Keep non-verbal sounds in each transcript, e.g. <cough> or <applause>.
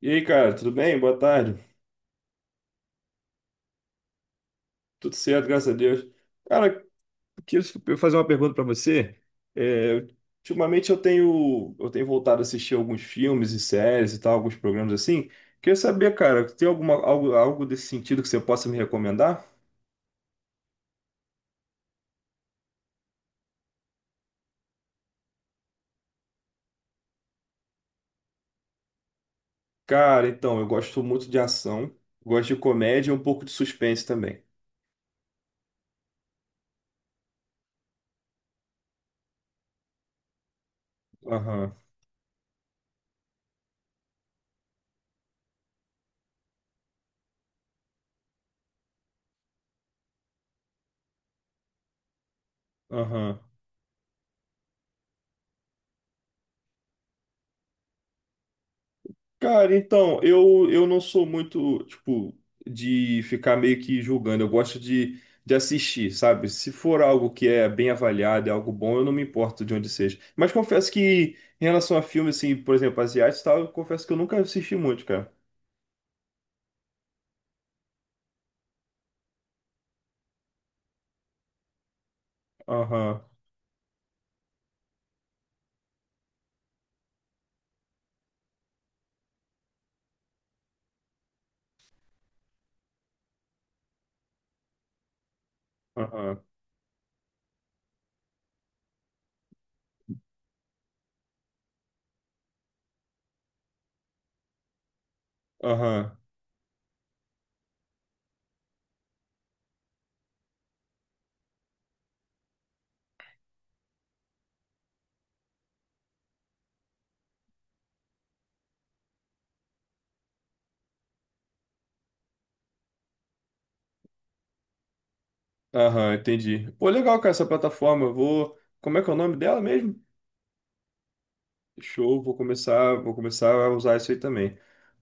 E aí, cara, tudo bem? Boa tarde. Tudo certo, graças a Deus. Cara, queria eu fazer uma pergunta pra você. É, ultimamente eu tenho voltado a assistir alguns filmes e séries e tal, alguns programas assim. Queria saber, cara, tem alguma, algo desse sentido que você possa me recomendar? Cara, então, eu gosto muito de ação, gosto de comédia e um pouco de suspense também. Aham, aham. Cara, então, eu não sou muito, tipo, de ficar meio que julgando. Eu gosto de assistir, sabe? Se for algo que é bem avaliado, é algo bom, eu não me importo de onde seja. Mas confesso que, em relação a filmes, assim, por exemplo, asiáticos e tal, eu confesso que eu nunca assisti muito, cara. Aham, aham, aham, aham, entendi. Pô, legal, cara, essa plataforma. Eu vou. Como é que é o nome dela mesmo? Show, vou começar a usar isso aí também.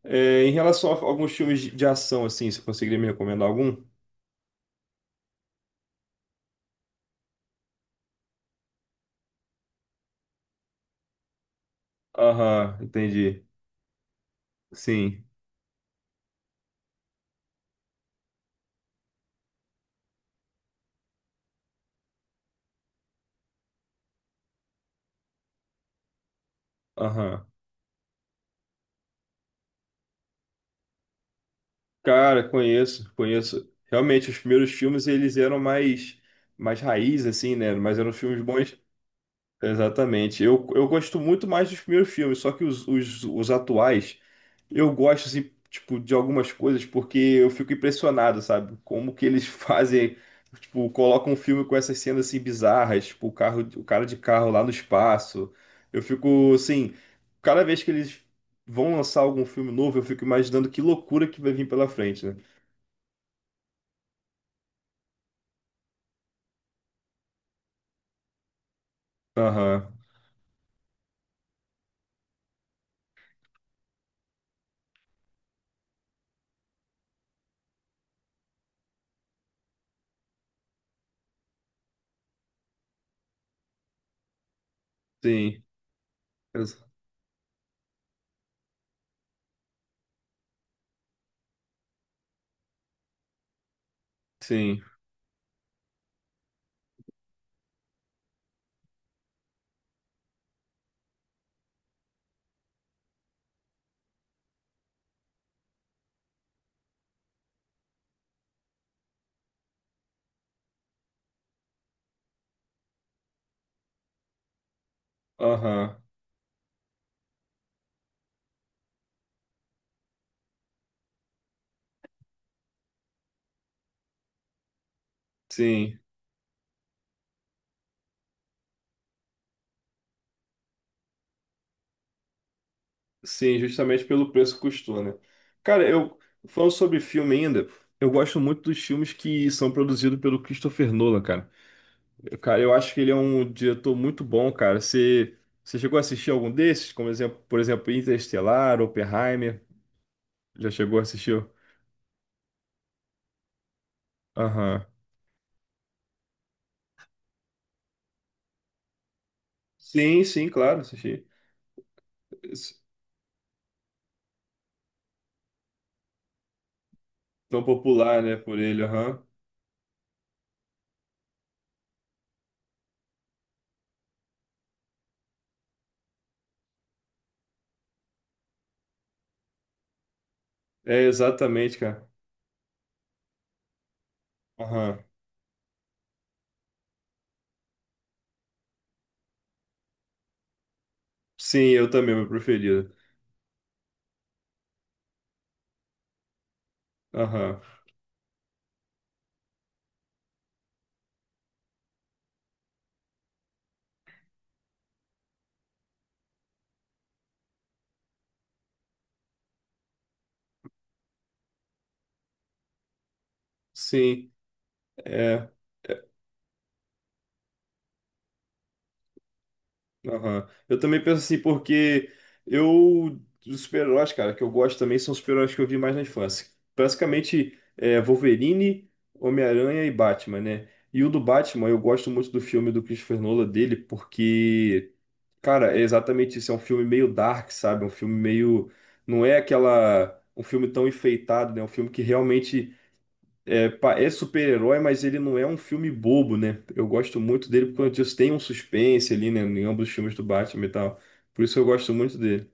É, em relação a alguns filmes de ação, assim, você conseguiria me recomendar algum? Aham, entendi. Sim, aham. Cara, conheço, conheço. Realmente, os primeiros filmes, eles eram mais, mais raiz, assim, né? Mas eram filmes bons. Exatamente. Eu gosto muito mais dos primeiros filmes, só que os atuais, eu gosto, assim, tipo, de algumas coisas, porque eu fico impressionado, sabe? Como que eles <laughs> fazem, tipo, colocam um filme com essas cenas, assim, bizarras, tipo, o carro, o cara de carro lá no espaço. Eu fico, assim, cada vez que eles vão lançar algum filme novo, eu fico imaginando que loucura que vai vir pela frente, né? Aham, sim, ex- sim, aham, sim. Sim, justamente pelo preço que custou, né? Cara, eu falando sobre filme ainda, eu gosto muito dos filmes que são produzidos pelo Christopher Nolan, cara. Eu, cara, eu acho que ele é um diretor muito bom, cara. Você chegou a assistir algum desses? Como exemplo, por exemplo, Interestelar, Oppenheimer? Já chegou a assistir? Aham. Sim, sim, claro, assisti. Esse- Tão popular, né, por ele, aham. É, exatamente, cara. Aham. Sim, eu também, meu preferido. Aham. Sim. é. Aham. Eu também penso assim, porque eu, os super-heróis, cara, que eu gosto também são os super-heróis que eu vi mais na infância. Basicamente, é, Wolverine, Homem-Aranha e Batman, né? E o do Batman, eu gosto muito do filme do Christopher Nolan dele, porque, cara, é exatamente isso. É um filme meio dark, sabe? Um filme meio. Não é aquela. Um filme tão enfeitado, né? Um filme que realmente é, é super-herói, mas ele não é um filme bobo, né? Eu gosto muito dele porque eu disse, tem um suspense ali, né? Em ambos os filmes do Batman e tal. Por isso eu gosto muito dele.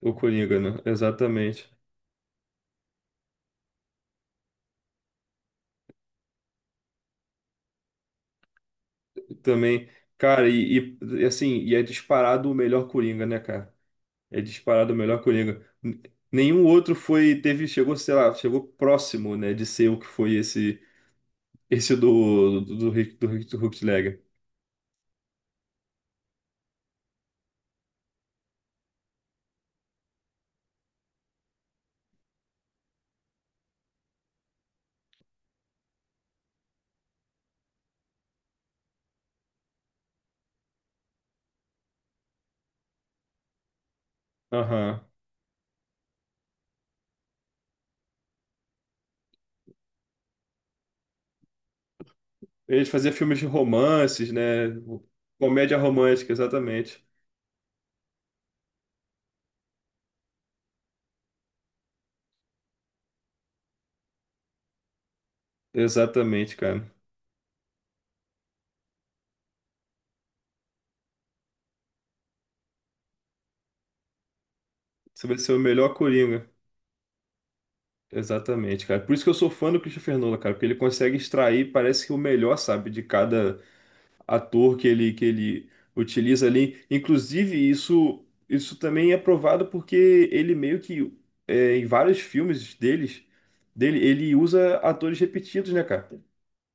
O Coringa, né? Exatamente. Também, cara, e, assim, e é disparado o melhor Coringa, né, cara? É disparado o melhor Coringa. Nenhum outro foi, teve, chegou, sei lá, chegou próximo, né, de ser o que foi esse, esse do Heath Ledger. Aham. Ele fazia filmes de romances, né? Comédia romântica, exatamente. Exatamente, cara. Você vai ser o melhor Coringa. Exatamente, cara. Por isso que eu sou fã do Christopher Nolan, cara, porque ele consegue extrair, parece que o melhor, sabe, de cada ator que ele utiliza ali. Inclusive, isso também é provado porque ele meio que é, em vários filmes dele, ele usa atores repetidos, né, cara?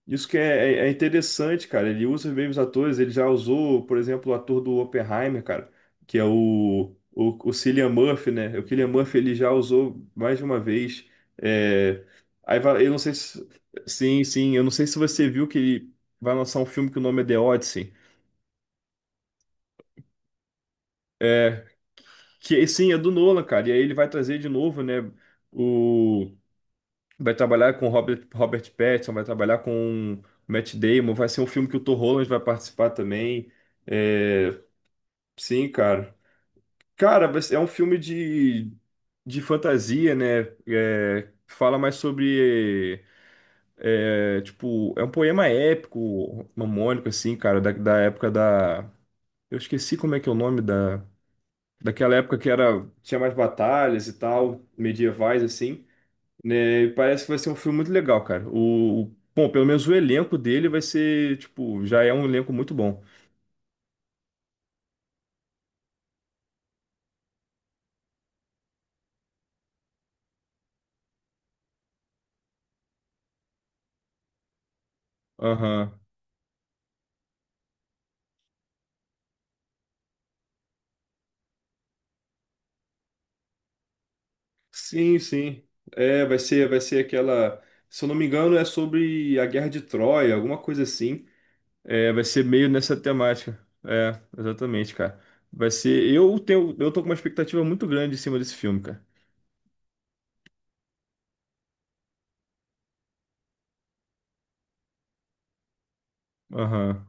Isso que é, é interessante, cara. Ele usa bem os atores. Ele já usou, por exemplo, o ator do Oppenheimer, cara, que é o Cillian Murphy, né? O Cillian Murphy ele já usou mais de uma vez. É... Aí eu não sei se. Sim, sim. Eu não sei se você viu que ele vai lançar um filme que o nome é The Odyssey. É... Que sim, é do Nolan, cara. E aí ele vai trazer de novo, né? Vai trabalhar com Robert Pattinson, vai trabalhar com Matt Damon, vai ser um filme que o Tom Holland vai participar também. É, sim, cara. Cara, é um filme de fantasia, né? É, fala mais sobre, é, tipo, é um poema épico, mamônico, assim, cara, da época da... Eu esqueci como é que é o nome da... Daquela época que era, tinha mais batalhas e tal, medievais, assim. Né, e parece que vai ser um filme muito legal, cara. Bom, pelo menos o elenco dele vai ser, tipo, já é um elenco muito bom. Aham. Sim, sim. É, vai ser aquela, se eu não me engano, é sobre a Guerra de Troia, alguma coisa assim. É, vai ser meio nessa temática. É, exatamente, cara. Vai ser, eu tenho, eu tô com uma expectativa muito grande em cima desse filme, cara. Aham.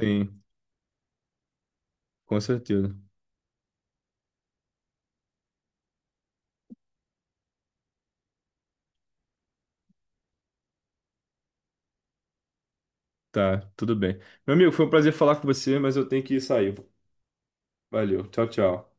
Sim, com certeza. Tá, tudo bem. Meu amigo, foi um prazer falar com você, mas eu tenho que sair. Valeu. Tchau, tchau.